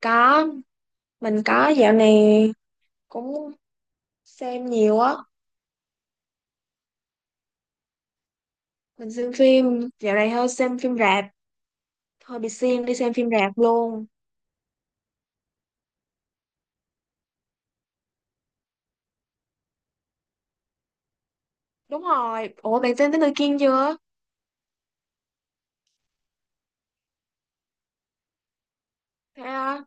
Có, mình có dạo này cũng xem nhiều á. Mình xem phim, dạo này hơi xem phim rạp. Hơi bị siêng đi xem phim rạp luôn. Đúng rồi, ủa bạn xem Tới Người Kiên chưa? Thế à?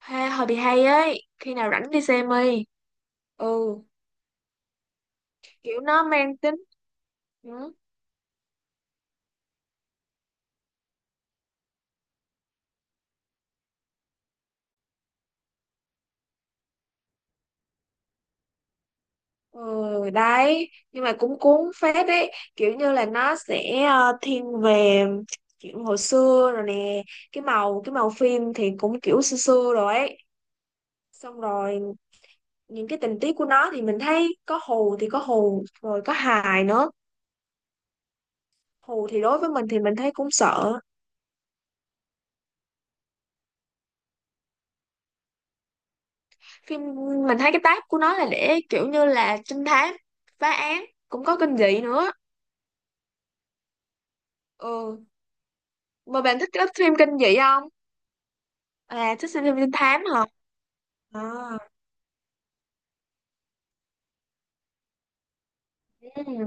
Hay, hơi bị hay ấy. Khi nào rảnh đi xem đi. Ừ, kiểu nó mang tính. Ừ, ừ đấy. Nhưng mà cũng cuốn phết ấy. Kiểu như là nó sẽ thiên về chuyện hồi xưa rồi nè. Cái màu phim thì cũng kiểu xưa xưa rồi ấy, xong rồi những cái tình tiết của nó thì mình thấy có hù thì có hù rồi có hài nữa. Hù thì đối với mình thì mình thấy cũng sợ phim. Mình thấy cái tác của nó là để kiểu như là trinh thám, phá án, cũng có kinh dị nữa. Ừ, mà bạn thích cái phim kinh dị không? À, thích xem phim trinh thám hả? À, ừ.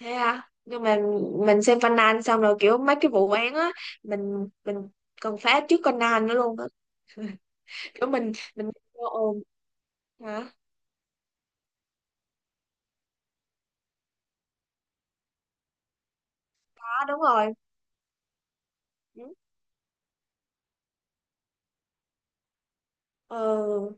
Thế à? Nhưng mà mình xem Conan xong rồi kiểu mấy cái vụ án á, mình cần phá trước Conan nữa luôn á. Kiểu mình ồ, hả, đó đúng rồi. Ừ. Ừ.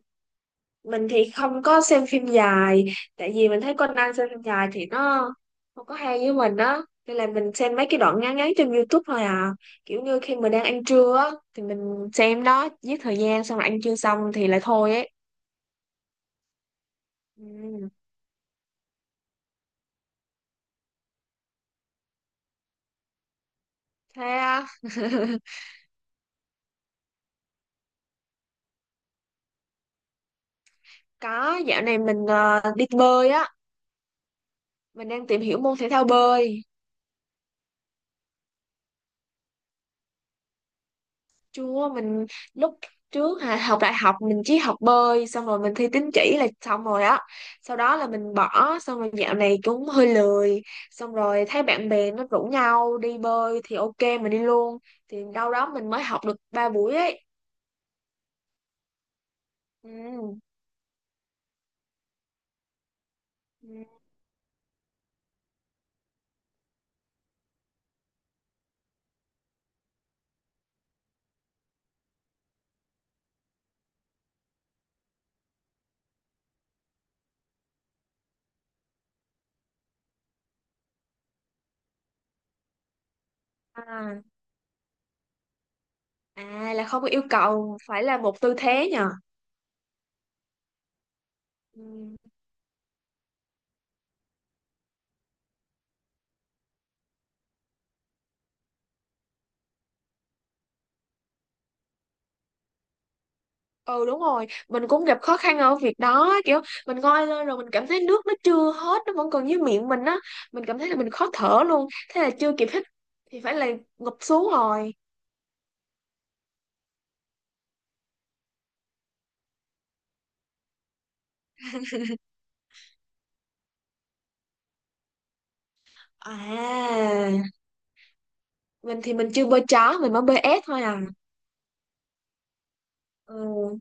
Mình thì không có xem phim dài, tại vì mình thấy Conan xem phim dài thì nó không có hay với mình á, nên là mình xem mấy cái đoạn ngắn ngắn trên YouTube thôi à. Kiểu như khi mình đang ăn trưa á thì mình xem đó giết thời gian, xong rồi ăn trưa xong thì lại thôi ấy. Ừ. Thế à, có dạo này mình đi bơi á, mình đang tìm hiểu môn thể thao bơi. Chưa, mình lúc trước học đại học mình chỉ học bơi xong rồi mình thi tín chỉ là xong rồi á. Sau đó là mình bỏ xong rồi dạo này cũng hơi lười. Xong rồi thấy bạn bè nó rủ nhau đi bơi thì ok mình đi luôn. Thì đâu đó mình mới học được 3 buổi ấy. Ừ. Ừ. À, à là không có yêu cầu phải là một tư thế nhờ. Ừ. Ừ đúng rồi, mình cũng gặp khó khăn ở việc đó. Kiểu mình ngoi lên rồi mình cảm thấy nước nó chưa hết, nó vẫn còn dưới miệng mình á, mình cảm thấy là mình khó thở luôn, thế là chưa kịp hít thì phải là ngụp xuống rồi. À mình thì mình chưa bơi chó, mình mới bơi ép thôi à. Ừ.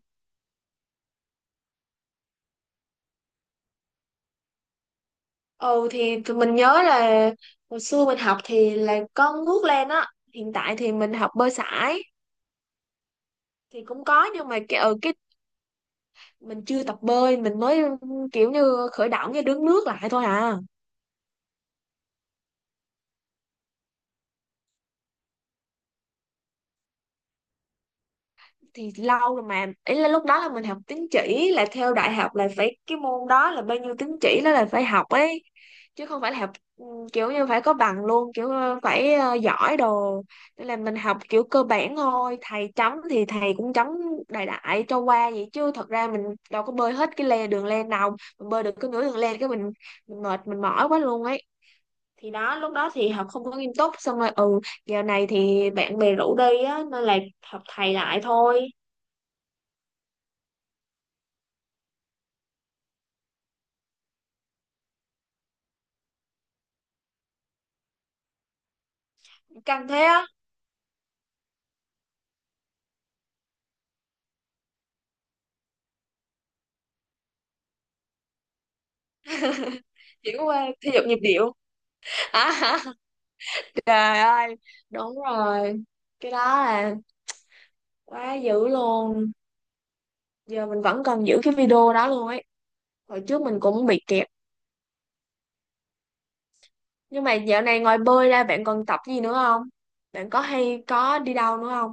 Ừ thì mình nhớ là hồi xưa mình học thì là có nước lên á. Hiện tại thì mình học bơi sải thì cũng có, nhưng mà cái mình chưa tập bơi, mình mới kiểu như khởi động như đứng nước lại thôi à. Thì lâu rồi mà, ý là lúc đó là mình học tín chỉ, là theo đại học là phải cái môn đó là bao nhiêu tín chỉ đó là phải học ấy, chứ không phải là học ừ, kiểu như phải có bằng luôn, kiểu phải giỏi đồ. Nên là mình học kiểu cơ bản thôi, thầy chấm thì thầy cũng chấm đại đại cho qua vậy, chứ thật ra mình đâu có bơi hết cái le đường len nào, mình bơi được có nửa đường len cái mình mệt, mình mỏi quá luôn ấy. Thì đó lúc đó thì học không có nghiêm túc, xong rồi ừ, giờ này thì bạn bè rủ đi á nên là học thầy lại thôi. Căng thế á? Chị có qua thể dục nhịp điệu à? Trời ơi, đúng rồi, cái đó là quá dữ luôn. Giờ mình vẫn còn giữ cái video đó luôn ấy. Hồi trước mình cũng bị kẹt. Nhưng mà dạo này ngoài bơi ra bạn còn tập gì nữa không? Bạn có hay có đi đâu nữa không?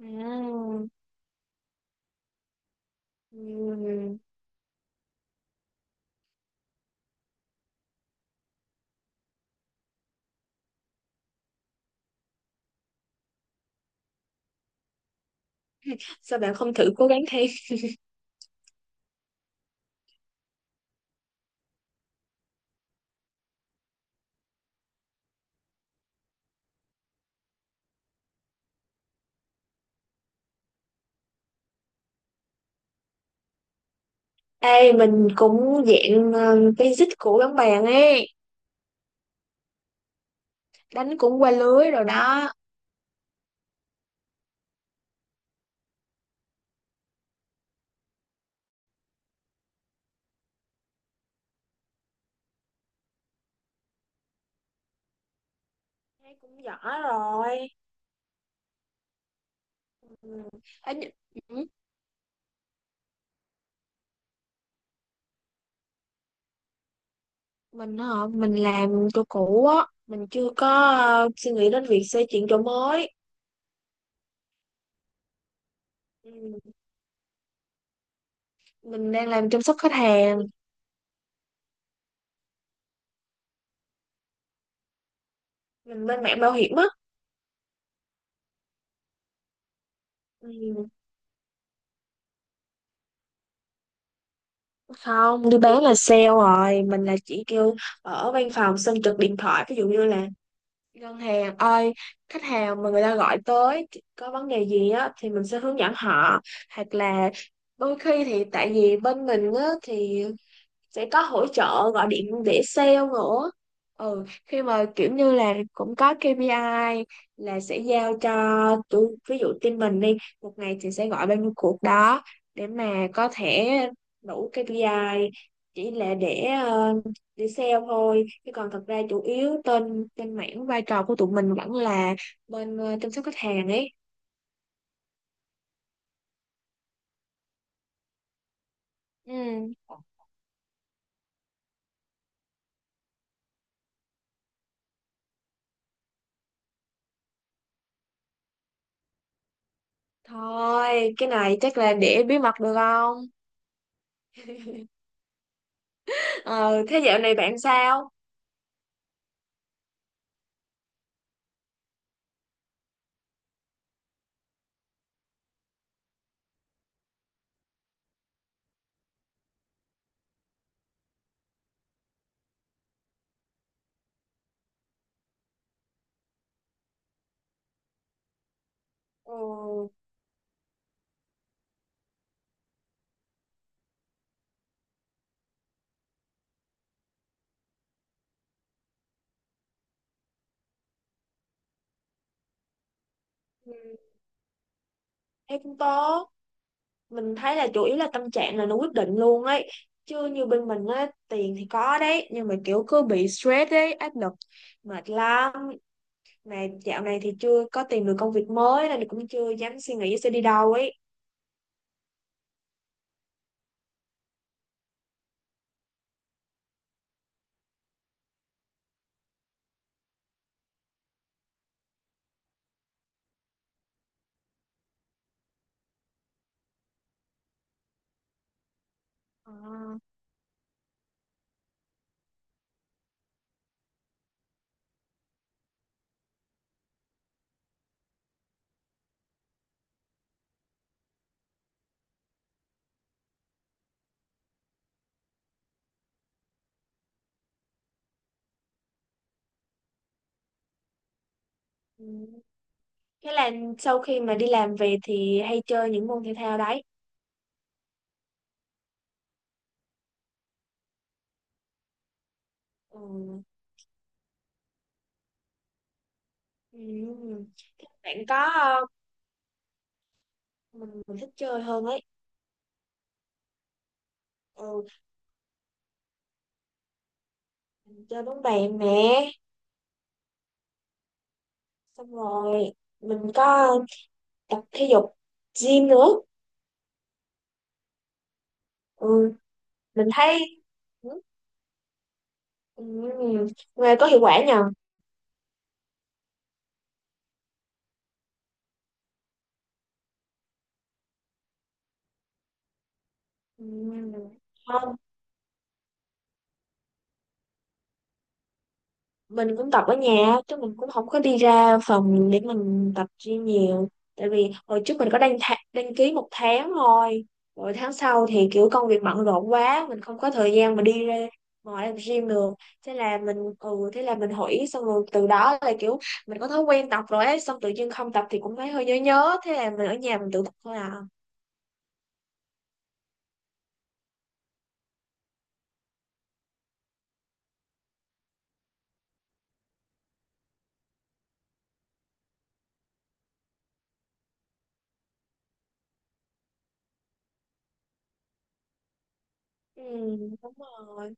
Ừm, ừm. Sao bạn không thử cố gắng thêm? Ê mình cũng dạng basic của bắn bạn ấy, đánh cũng qua lưới rồi đó. Thấy cũng giỏi rồi. Ừ. Ấy, ừ. Mình hả, mình làm chỗ cũ á, mình chưa có suy nghĩ đến việc xây chuyện chỗ mới. Ừ. Mình đang làm chăm sóc khách hàng. Mình bên mảng bảo hiểm á. Ừ. Không đi bán là sale rồi, mình là chỉ kêu ở văn phòng xong trực điện thoại, ví dụ như là ngân hàng ơi, khách hàng mà người ta gọi tới có vấn đề gì á thì mình sẽ hướng dẫn họ, hoặc là đôi khi thì tại vì bên mình á thì sẽ có hỗ trợ gọi điện để sale nữa. Ừ, khi mà kiểu như là cũng có KPI là sẽ giao cho tụi, ví dụ team mình đi, một ngày thì sẽ gọi bao nhiêu cuộc đó để mà có thể đủ KPI, chỉ là để để sale thôi, chứ còn thật ra chủ yếu tên tên mảng vai trò của tụi mình vẫn là bên chăm sóc khách hàng ấy. Ừ, thôi cái này chắc là để bí mật được không? Ờ Thế dạo này bạn sao? Ừ, ừ, thế cũng tốt. Mình thấy là chủ yếu là tâm trạng là nó quyết định luôn ấy, chứ như bên mình á tiền thì có đấy, nhưng mà kiểu cứ bị stress ấy, áp lực mệt lắm. Mà dạo này thì chưa có tìm được công việc mới nên cũng chưa dám suy nghĩ sẽ đi đâu ấy. À, ừ. Thế là sau khi mà đi làm về thì hay chơi những môn thể thao đấy? Ừ. Ừ. Thế bạn có mình thích chơi hơn ấy. Ừ. Mình chơi bóng bàn nè, xong rồi mình có tập thể dục gym nữa. Ừ, mình thấy, ừ, ừ, ừ, nghe có hiệu quả nhờ. Ừ. Không, mình cũng tập ở nhà chứ mình cũng không có đi ra phòng để mình tập gym nhiều. Tại vì hồi trước mình có đăng ký một tháng thôi, rồi tháng sau thì kiểu công việc bận rộn quá, mình không có thời gian mà đi ra ngoài làm gym được. Thế là mình thế là mình hủy, xong rồi từ đó là kiểu mình có thói quen tập rồi ấy, xong tự nhiên không tập thì cũng thấy hơi nhớ nhớ, thế là mình ở nhà mình tự tập thôi à. Ừ, đúng rồi,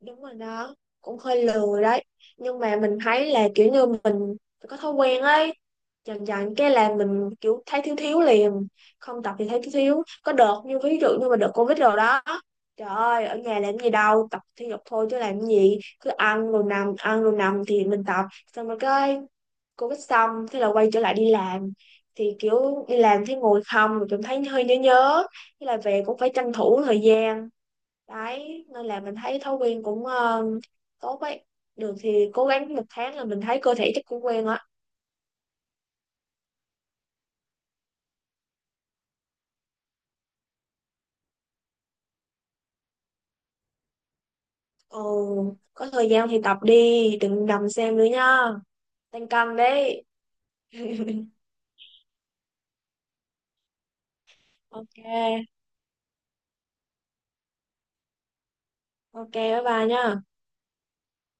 đúng rồi đó, cũng hơi lười đấy. Nhưng mà mình thấy là kiểu như mình có thói quen ấy, dần dần cái là mình kiểu thấy thiếu thiếu liền. Không tập thì thấy thiếu thiếu. Có đợt như ví dụ như mà đợt covid rồi đó, trời ơi ở nhà làm gì đâu, tập thể dục thôi chứ làm gì, cứ ăn rồi nằm thì mình tập. Xong rồi cái covid xong thế là quay trở lại đi làm, thì kiểu đi làm thấy ngồi không rồi cảm thấy hơi nhớ nhớ, thế là về cũng phải tranh thủ thời gian đấy. Nên là mình thấy thói quen cũng tốt ấy, được thì cố gắng một tháng là mình thấy cơ thể chắc cũng quen á. Ừ, có thời gian thì tập đi, đừng nằm xem nữa nha, tăng cân đấy. Ok, ok bye bye nha.